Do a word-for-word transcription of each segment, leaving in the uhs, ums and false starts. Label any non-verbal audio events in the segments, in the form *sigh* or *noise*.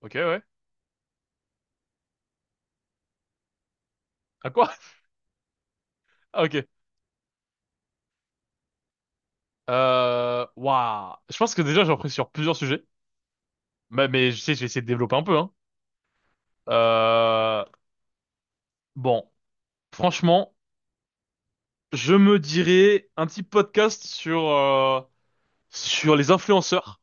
Ok, ouais. À quoi? *laughs* Ah, ok. Euh, waouh. Je pense que déjà, j'ai appris sur plusieurs sujets. Mais, mais je sais, je vais essayer de développer un peu, hein. Euh, bon. Franchement, je me dirais un petit podcast sur, euh, sur les influenceurs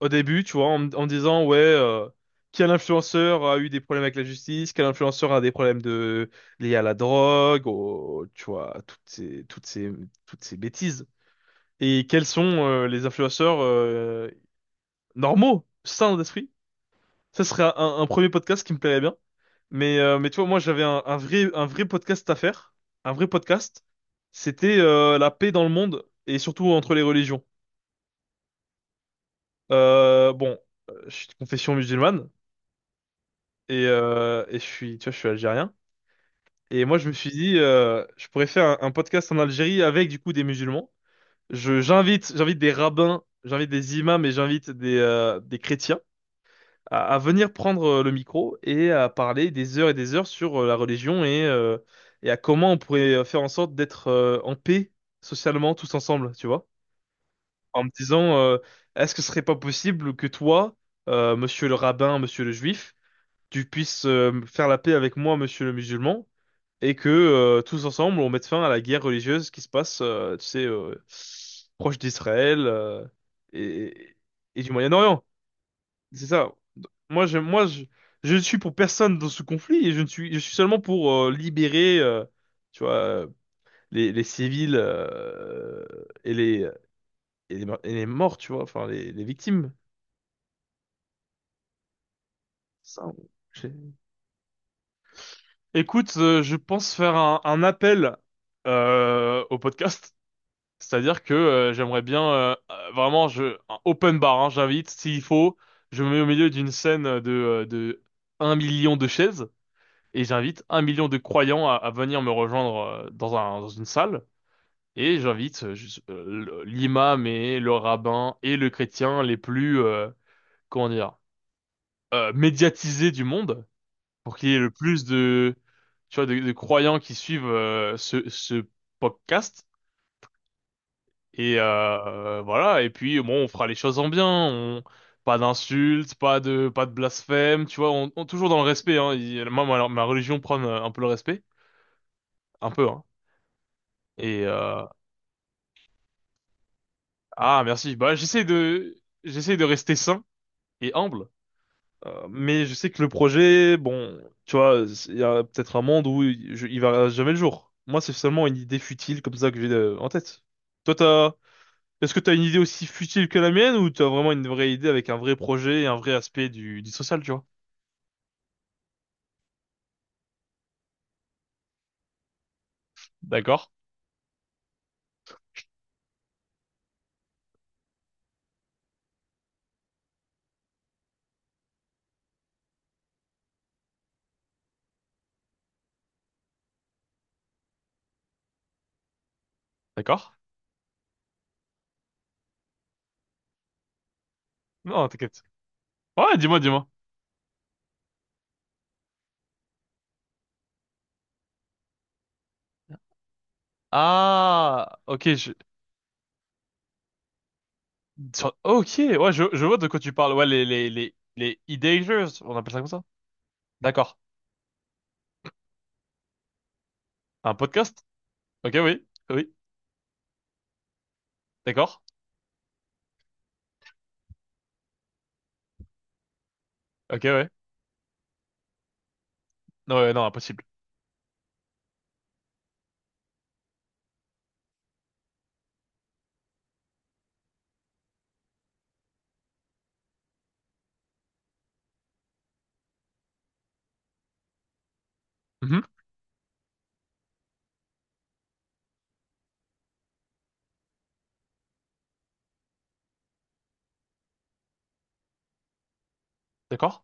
au début, tu vois, en, me- en me disant, ouais, euh, quel influenceur a eu des problèmes avec la justice, quel influenceur a des problèmes de, liés à la drogue, au, tu vois, toutes ces, toutes ces, toutes ces bêtises. Et quels sont euh, les influenceurs euh, normaux, sains d'esprit. Ça serait un, un premier podcast qui me plairait bien. Mais, euh, mais tu vois, moi, j'avais un, un vrai, un vrai podcast à faire. Un vrai podcast. C'était euh, la paix dans le monde et surtout entre les religions. Euh, bon, euh, je suis de confession musulmane et, euh, et je suis, tu vois, je suis algérien. Et moi, je me suis dit, euh, je pourrais faire un, un podcast en Algérie avec, du coup, des musulmans. Je, j'invite, j'invite des rabbins, j'invite des imams et j'invite des, euh, des chrétiens. à, à venir prendre euh, le micro et à parler des heures et des heures sur euh, la religion et, euh, et à comment on pourrait euh, faire en sorte d'être euh, en paix socialement tous ensemble, tu vois? En me disant, euh, est-ce que ce serait pas possible que toi, euh, monsieur le rabbin, monsieur le juif, tu puisses euh, faire la paix avec moi, monsieur le musulman, et que euh, tous ensemble, on mette fin à la guerre religieuse qui se passe, euh, tu sais, euh, proche d'Israël euh, et, et du Moyen-Orient. C'est ça. Moi, je, moi, je, je ne suis pour personne dans ce conflit et je ne suis, je suis seulement pour euh, libérer, euh, tu vois, euh, les, les civils euh, et les, et les, et les morts, tu vois, enfin, les, les victimes. Ça, on- j'ai- Écoute, euh, je pense faire un, un appel euh, au podcast. C'est-à-dire que euh, j'aimerais bien, euh, euh, vraiment, je, un open bar, hein, j'invite, s'il faut, je me mets au milieu d'une scène de, euh, de un million de chaises. Et j'invite un million de croyants à, à venir me rejoindre euh, dans un, dans une salle. Et j'invite euh, juste, euh, l'imam et le rabbin et le chrétien les plus, euh, comment dire, euh, médiatisés du monde pour qu'il y ait le plus de, tu vois, de, de croyants qui suivent euh, ce, ce podcast. Et euh, voilà. Et puis, bon, on fera les choses en bien. On... Pas d'insultes, pas de, pas de blasphème, tu vois, on, on- toujours dans le respect. Hein. Il- moi, ma, ma religion prône euh, un peu le respect, un peu, hein. Et, euh, Ah, merci. Bah, j'essaie de, j'essaie de rester sain et humble, euh, mais je sais que le projet, bon, tu vois, c'est- il y a peut-être un monde où il, je- il verra jamais le jour. Moi, c'est seulement une idée futile comme ça que j'ai euh, en tête. Toi, t'as, Est-ce que t'as une idée aussi futile que la mienne ou t'as vraiment une vraie idée avec un vrai projet et un vrai aspect du, du social, tu vois? D'accord, d'accord. Non, t'inquiète. Ouais, dis-moi, dis-moi. Ah, ok, je, sur- ok, ouais, je, je vois de quoi tu parles. Ouais, les, les, les, les idées, on appelle ça comme ça. D'accord. Un podcast? Ok, oui, oui, d'accord. Ok, ouais. Non, ouais, non, impossible. Mhm. D'accord.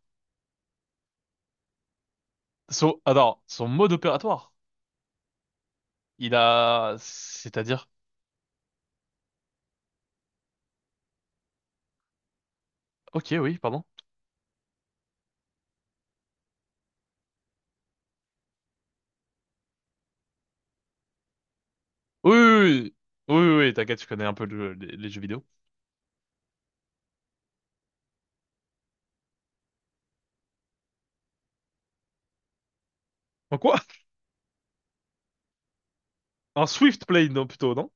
So, alors, son mode opératoire, il a, c'est-à-dire, ok, oui, pardon. Oui, oui, oui, oui, oui, t'inquiète, je connais un peu le- les, les jeux vidéo. En quoi? En Swift Play, non, plutôt, non?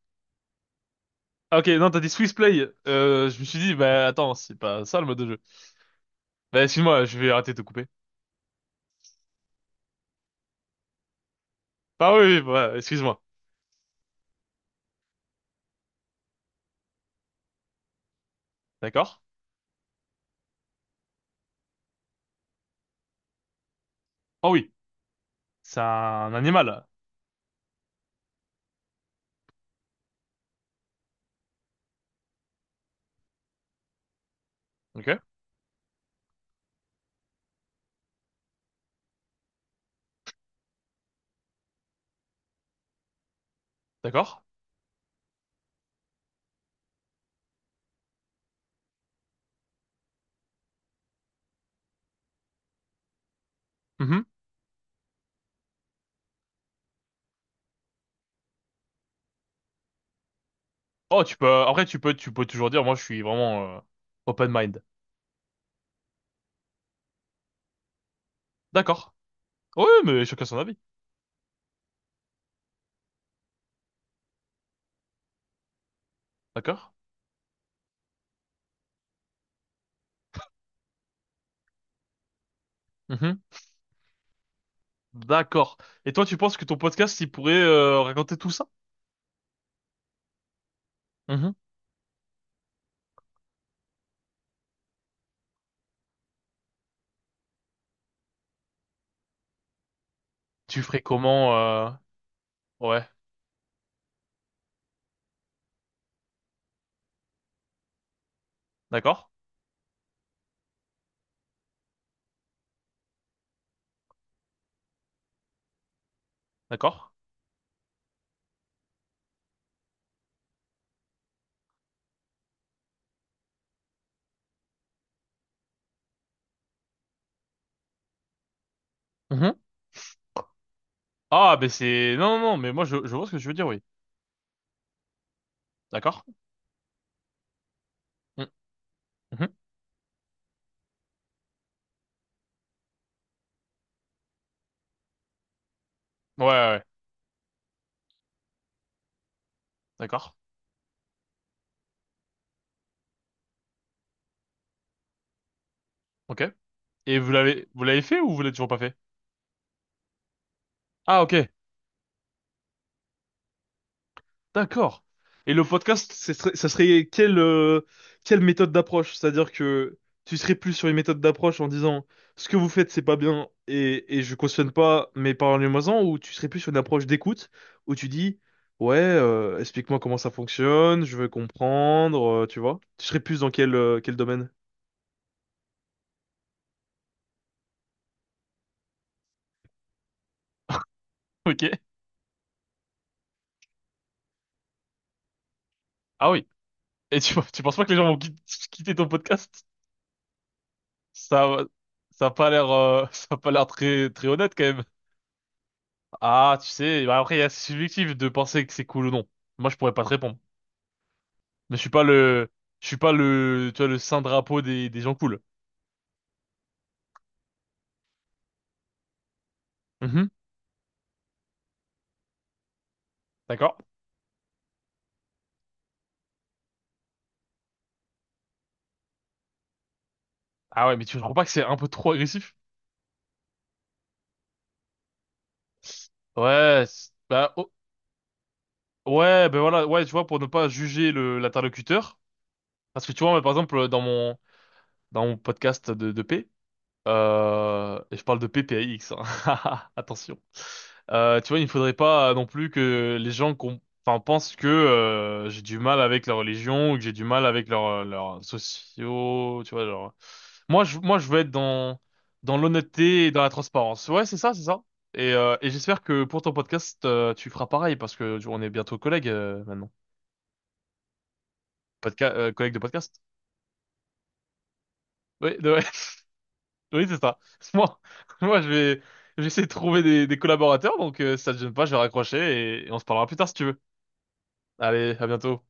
Ah, ok, non, t'as dit Swift Play. Euh, je me suis dit, bah attends, c'est pas ça le mode de jeu. Bah excuse-moi, je vais arrêter de te couper. Ah oui, oui, bah, excuse-moi. D'accord. Oh oui, c'est un animal. Ok, d'accord. Oh, tu peux, après, tu peux, tu peux toujours dire, moi, je suis vraiment euh, open mind. D'accord. Oui, oui, mais chacun son avis. D'accord. Mhm. D'accord. Et toi, tu penses que ton podcast, il pourrait euh, raconter tout ça? Mhm. Tu ferais comment euh, Ouais. D'accord. D'accord. Mhm. Ah, ben c'est... Non, non, non, mais moi, je, je vois ce que tu veux dire, oui. D'accord. Mm. Mhm. Ouais, ouais, ouais. D'accord. Ok. Et vous l'avez, vous l'avez fait ou vous l'avez toujours pas fait? Ah, ok. D'accord. Et le podcast, ce serait- ça serait quelle, euh, quelle méthode d'approche? C'est-à-dire que tu serais plus sur une méthode d'approche en disant ce que vous faites, c'est pas bien et, et je cautionne pas, mais parlez-moi-en, ou tu serais plus sur une approche d'écoute où tu dis ouais, euh, explique-moi comment ça fonctionne, je veux comprendre, euh, tu vois? Tu serais plus dans quel, euh, quel domaine? Ok. Ah oui. Et tu, tu penses pas que les gens vont qui- quitter ton podcast? Ça, ça a pas l'air, euh, *laughs* ça a pas l'air très, très honnête quand même. Ah, tu sais, bah après, il y a- c'est subjectif de penser que c'est cool ou non. Moi, je pourrais pas te répondre. Mais je suis pas le, je suis pas le, tu vois, le saint drapeau des, des gens cool. Mhm. D'accord. Ah ouais, mais tu trouves pas que c'est un peu trop agressif? Ouais, c'est- bah, oh, ouais, ben voilà, ouais, tu vois, pour ne pas juger le, l'interlocuteur. Parce que tu vois, moi, par exemple, dans mon, dans mon podcast de, de paix. Euh, et je parle de P P A X, hein. *laughs* Attention. Euh, tu vois, il ne faudrait pas euh, non plus que les gens qu'on- enfin, pensent que euh, j'ai du mal avec la religion ou que j'ai du mal avec leurs euh, leurs sociaux, tu vois, genre. Moi, je, moi, je veux être dans, dans l'honnêteté et dans la transparence. Ouais, c'est ça, c'est ça. Et, euh, et j'espère que pour ton podcast, euh, tu feras pareil parce que tu vois, on est bientôt collègues euh, maintenant. Podca- euh, collègues de podcast. Oui, de- *laughs* Oui, c'est ça. *laughs* Moi, moi, je vais, je vais essayer de trouver des, des collaborateurs, donc euh, si ça te gêne pas, je vais raccrocher et et on se parlera plus tard si tu veux. Allez, à bientôt.